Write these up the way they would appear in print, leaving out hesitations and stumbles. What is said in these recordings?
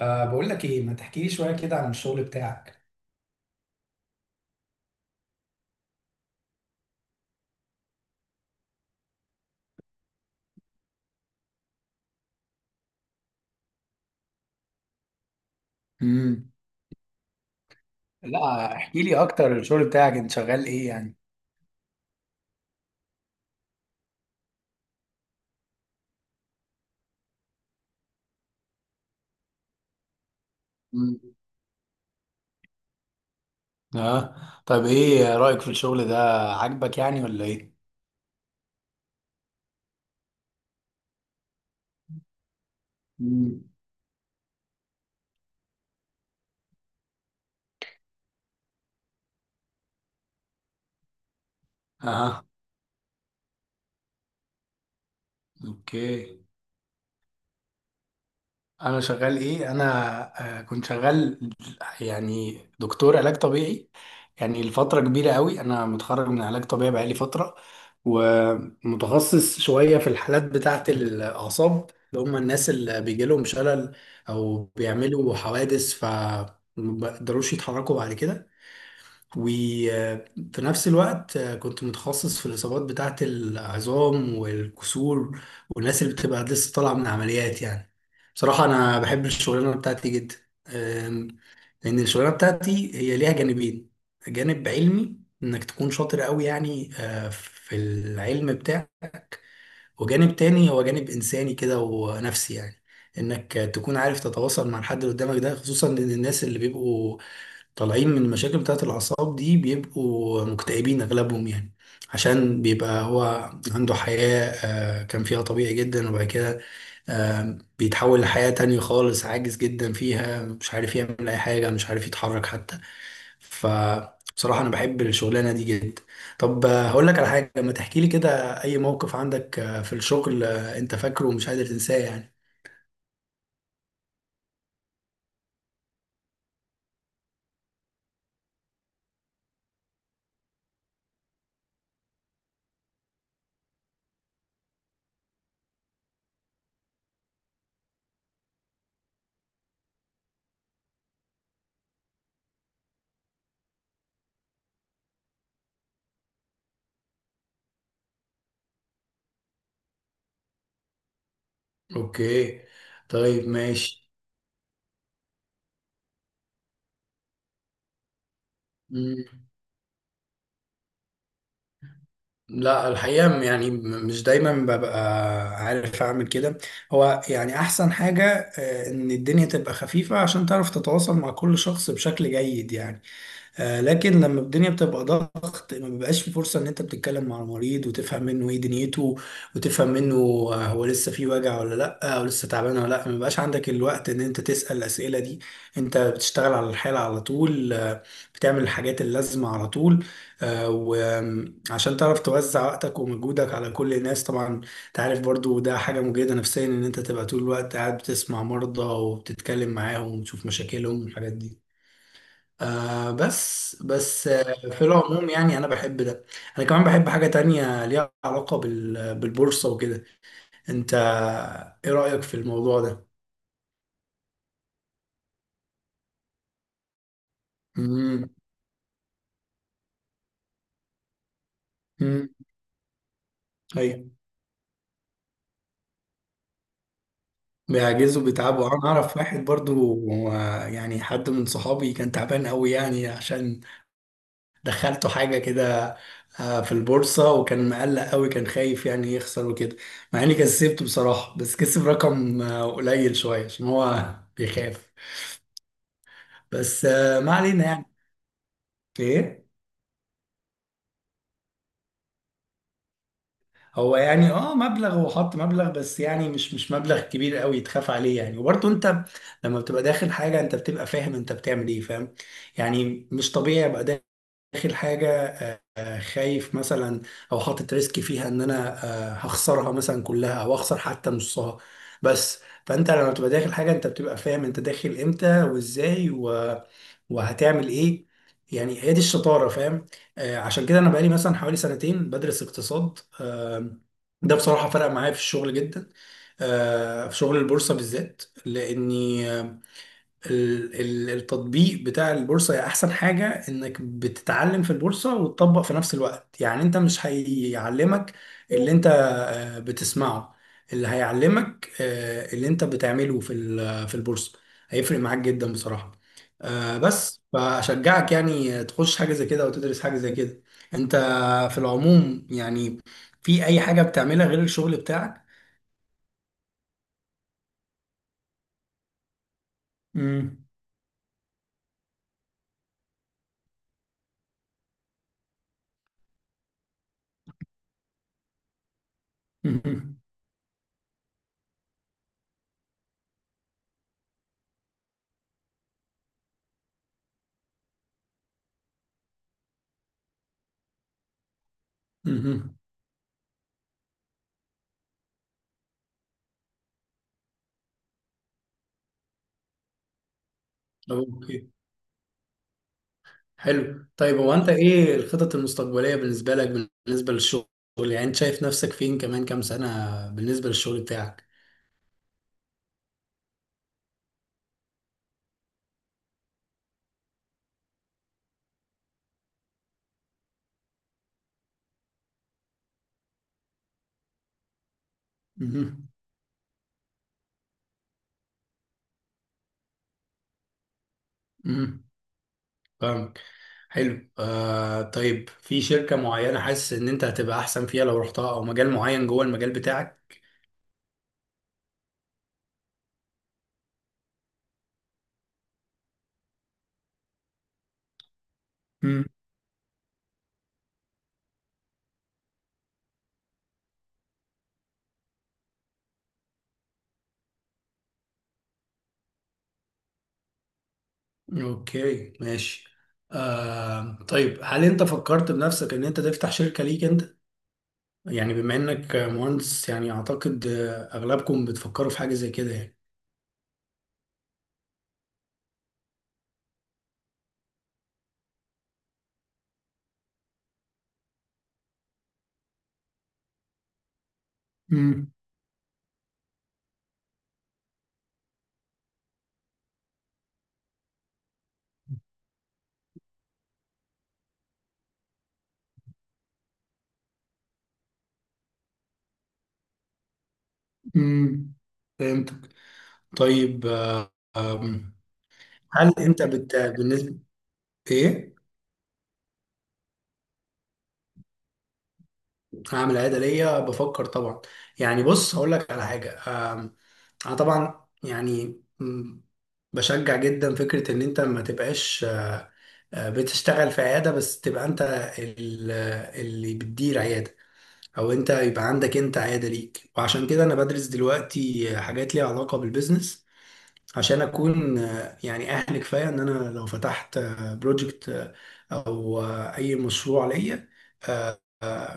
بقول لك ايه، ما تحكي لي شويه كده عن الشغل بتاعك؟ امم. لا، احكي لي اكتر، الشغل بتاعك انت شغال ايه يعني؟ مم. اه، طيب ايه رأيك في الشغل ده؟ عاجبك يعني ولا ايه؟ مم. اه، اوكي. انا شغال ايه؟ انا كنت شغال يعني دكتور علاج طبيعي. يعني لفتره كبيره قوي، انا متخرج من علاج طبيعي بقالي فتره ومتخصص شويه في الحالات بتاعه الاعصاب اللي هم الناس اللي بيجي لهم شلل او بيعملوا حوادث فما بيقدروش يتحركوا بعد كده. وفي نفس الوقت كنت متخصص في الإصابات بتاعة العظام والكسور والناس اللي بتبقى لسه طالعة من عمليات يعني. بصراحة أنا بحب الشغلانة بتاعتي جدا. آم، لأن الشغلانة بتاعتي هي ليها جانبين: جانب علمي، إنك تكون شاطر قوي يعني في العلم بتاعك، وجانب تاني هو جانب إنساني كده ونفسي يعني، إنك تكون عارف تتواصل مع الحد اللي قدامك ده. خصوصا إن الناس اللي بيبقوا طالعين من المشاكل بتاعة الأعصاب دي بيبقوا مكتئبين أغلبهم يعني، عشان بيبقى هو عنده حياة كان فيها طبيعي جدا وبعد كده بيتحول لحياة تانية خالص عاجز جدا فيها، مش عارف يعمل أي حاجة، مش عارف يتحرك حتى. فبصراحة أنا بحب الشغلانة دي جدا. طب هقول لك على حاجة، ما تحكي لي كده أي موقف عندك في الشغل أنت فاكره ومش قادر تنساه يعني. أوكي، طيب ماشي. مم. لا، الحقيقة يعني مش دايما ببقى عارف أعمل كده. هو يعني أحسن حاجة إن الدنيا تبقى خفيفة عشان تعرف تتواصل مع كل شخص بشكل جيد يعني. لكن لما الدنيا بتبقى ضغط ما بيبقاش في فرصة ان انت بتتكلم مع المريض وتفهم منه ايه دنيته وتفهم منه هو لسه في وجع ولا لا او لسه تعبان ولا لا. ما بيبقاش عندك الوقت ان انت تسأل الأسئلة دي، انت بتشتغل على الحالة على طول. بتعمل الحاجات اللازمة على طول. وعشان تعرف توزع وقتك ومجهودك على كل الناس طبعا. انت عارف برضو ده حاجة مجهدة نفسيا ان انت تبقى طول الوقت قاعد بتسمع مرضى وبتتكلم معاهم وتشوف مشاكلهم والحاجات دي. بس بس في العموم يعني انا بحب ده. انا كمان بحب حاجة تانية ليها علاقة بالبورصة وكده. انت ايه رأيك في الموضوع ده؟ امم. امم. ايوه. بيعجزوا بيتعبوا، انا اعرف واحد برضو، هو يعني حد من صحابي كان تعبان قوي يعني عشان دخلته حاجة كده في البورصة، وكان مقلق قوي، كان خايف يعني يخسر وكده. مع اني كسبته بصراحة بس كسب رقم قليل شوية عشان هو بيخاف. بس ما علينا يعني. ايه، هو يعني اه مبلغ، هو حط مبلغ بس يعني مش مبلغ كبير قوي تخاف عليه يعني. وبرضه انت لما بتبقى داخل حاجه انت بتبقى فاهم انت بتعمل ايه، فاهم؟ يعني مش طبيعي ابقى داخل حاجه خايف مثلا او حاطط ريسك فيها ان انا هخسرها مثلا كلها او اخسر حتى نصها. بس فانت لما بتبقى داخل حاجه انت بتبقى فاهم انت داخل امتى وازاي وهتعمل ايه. يعني هي دي الشطاره، فاهم؟ عشان كده انا بقالي مثلا حوالي سنتين بدرس اقتصاد. ده بصراحه فرق معايا في الشغل جدا. في شغل البورصه بالذات لاني التطبيق بتاع البورصة هي أحسن حاجة، إنك بتتعلم في البورصة وتطبق في نفس الوقت يعني. أنت مش هيعلمك اللي أنت بتسمعه، اللي هيعلمك اللي أنت بتعمله في في البورصة، هيفرق معاك جدا بصراحة. بس فأشجعك يعني تخش حاجة زي كده وتدرس حاجة زي كده. أنت في العموم يعني، في أي حاجة بتعملها غير الشغل بتاعك؟ مم. مم. مم. مم. أوكي، حلو. طيب هو انت ايه الخطط المستقبلية بالنسبة لك بالنسبة للشغل؟ يعني انت شايف نفسك فين كمان كام سنة بالنسبة للشغل بتاعك؟ مهم. مهم. فاهمك. حلو آه، طيب في شركة معينة حاسس ان انت هتبقى احسن فيها لو رحتها، او مجال معين جوه المجال بتاعك؟ مم. اوكي، ماشي. آه طيب، هل انت فكرت بنفسك ان انت تفتح شركة ليك انت؟ يعني بما انك مهندس يعني اعتقد اغلبكم بتفكروا في حاجة زي كده يعني. امم. فهمتك. طيب آم، هل انت بالنسبه ايه؟ هعمل عاده ليا، بفكر طبعا. يعني بص هقول لك على حاجه. آم، انا طبعا يعني بشجع جدا فكره ان انت ما تبقاش بتشتغل في عياده، بس تبقى انت اللي بتدير عياده او انت يبقى عندك انت عياده ليك. وعشان كده انا بدرس دلوقتي حاجات ليها علاقه بالبيزنس، عشان اكون يعني اهل كفايه ان انا لو فتحت بروجكت او اي مشروع ليا، آه،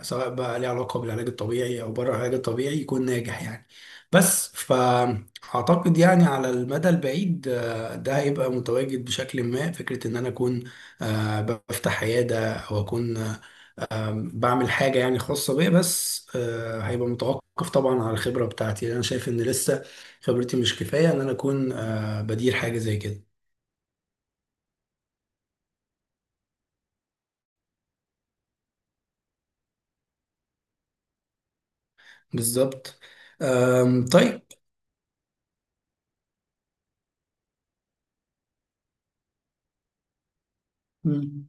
سواء بقى ليه علاقه بالعلاج الطبيعي او بره العلاج الطبيعي، يكون ناجح يعني. بس فاعتقد يعني على المدى البعيد ده هيبقى متواجد بشكل ما، فكره ان انا اكون بفتح عياده او اكون بعمل حاجة يعني خاصة بيا. بس هيبقى متوقف طبعا على الخبرة بتاعتي، لأن أنا شايف إن لسه خبرتي مش كفاية إن أنا أكون بدير حاجة زي كده. بالظبط. طيب. مم.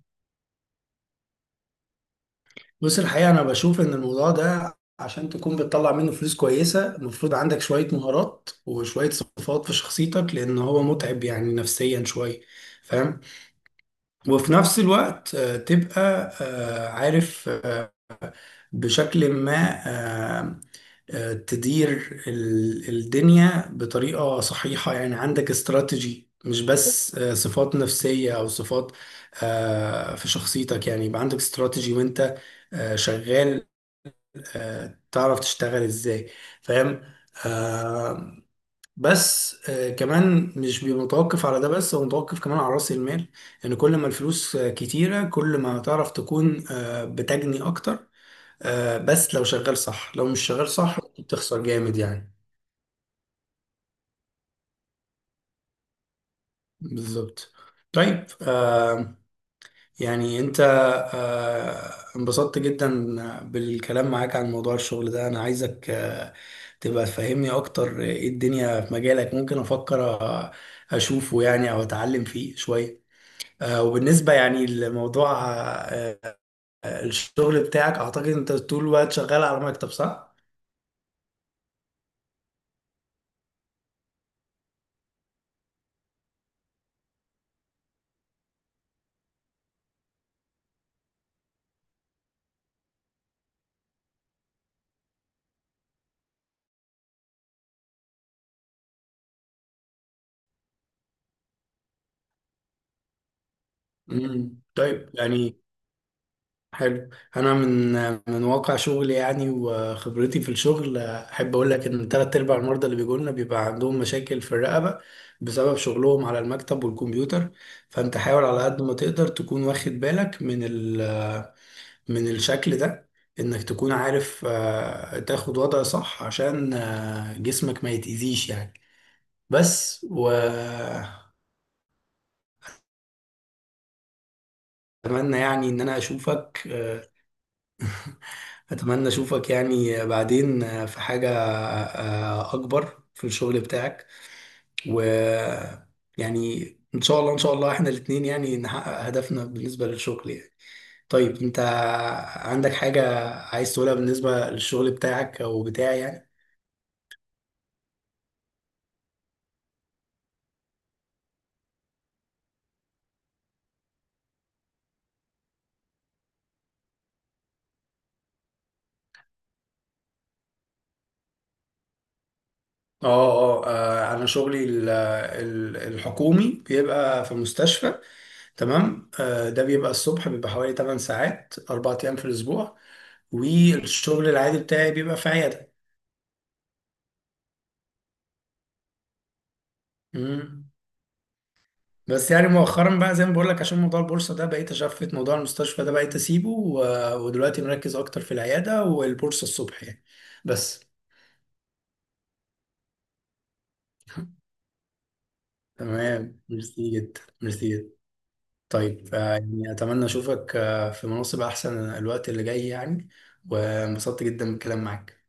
بص الحقيقة أنا بشوف إن الموضوع ده، عشان تكون بتطلع منه فلوس كويسة، المفروض عندك شوية مهارات وشوية صفات في شخصيتك، لأن هو متعب يعني نفسيا شوية، فاهم؟ وفي نفس الوقت تبقى عارف بشكل ما آه، تدير الدنيا بطريقة صحيحة يعني. عندك استراتيجي، مش بس صفات نفسية أو صفات في شخصيتك يعني، يبقى عندك استراتيجي وأنت شغال تعرف تشتغل إزاي، فاهم؟ آه بس كمان مش بيبقى متوقف على ده بس، هو متوقف كمان على رأس المال. لأن يعني كل ما الفلوس كتيرة كل ما تعرف تكون بتجني أكتر. بس لو شغال صح، لو مش شغال صح ممكن تخسر جامد يعني. بالظبط. طيب يعني انت انبسطت جدا بالكلام معاك عن موضوع الشغل ده. انا عايزك تبقى تفهمني اكتر، ايه الدنيا في مجالك ممكن افكر اشوفه يعني او اتعلم فيه شوية. وبالنسبة يعني لموضوع آه الشغل بتاعك، اعتقد انت طول الوقت شغال على مكتب صح؟ مم. طيب يعني، حلو. انا من واقع شغلي يعني وخبرتي في الشغل، احب اقول لك ان ثلاث ارباع المرضى اللي بيجوا لنا بيبقى عندهم مشاكل في الرقبه بسبب شغلهم على المكتب والكمبيوتر. فانت حاول على قد ما تقدر تكون واخد بالك من من الشكل ده، انك تكون عارف تاخد وضع صح عشان جسمك ما يتأذيش يعني. بس واتمنى يعني ان انا اشوفك، أتمنى أشوفك يعني بعدين في حاجة أكبر في الشغل بتاعك. و يعني إن شاء الله إن شاء الله إحنا الاتنين يعني نحقق هدفنا بالنسبة للشغل يعني. طيب أنت عندك حاجة عايز تقولها بالنسبة للشغل بتاعك أو بتاعي يعني؟ اه اه، انا شغلي الحكومي بيبقى في مستشفى. تمام، ده بيبقى الصبح، بيبقى حوالي 8 ساعات 4 ايام في الاسبوع، والشغل العادي بتاعي بيبقى في عيادة. مم. بس يعني مؤخرا بقى زي ما بقول لك عشان موضوع البورصه ده، بقيت اشفت موضوع المستشفى ده، بقيت اسيبه ودلوقتي مركز اكتر في العياده والبورصه الصبح يعني. بس. تمام، ميرسي جدا ميرسي جدا. طيب يعني اتمنى اشوفك في مناصب احسن الوقت اللي جاي يعني. وانبسطت جدا بالكلام معاك.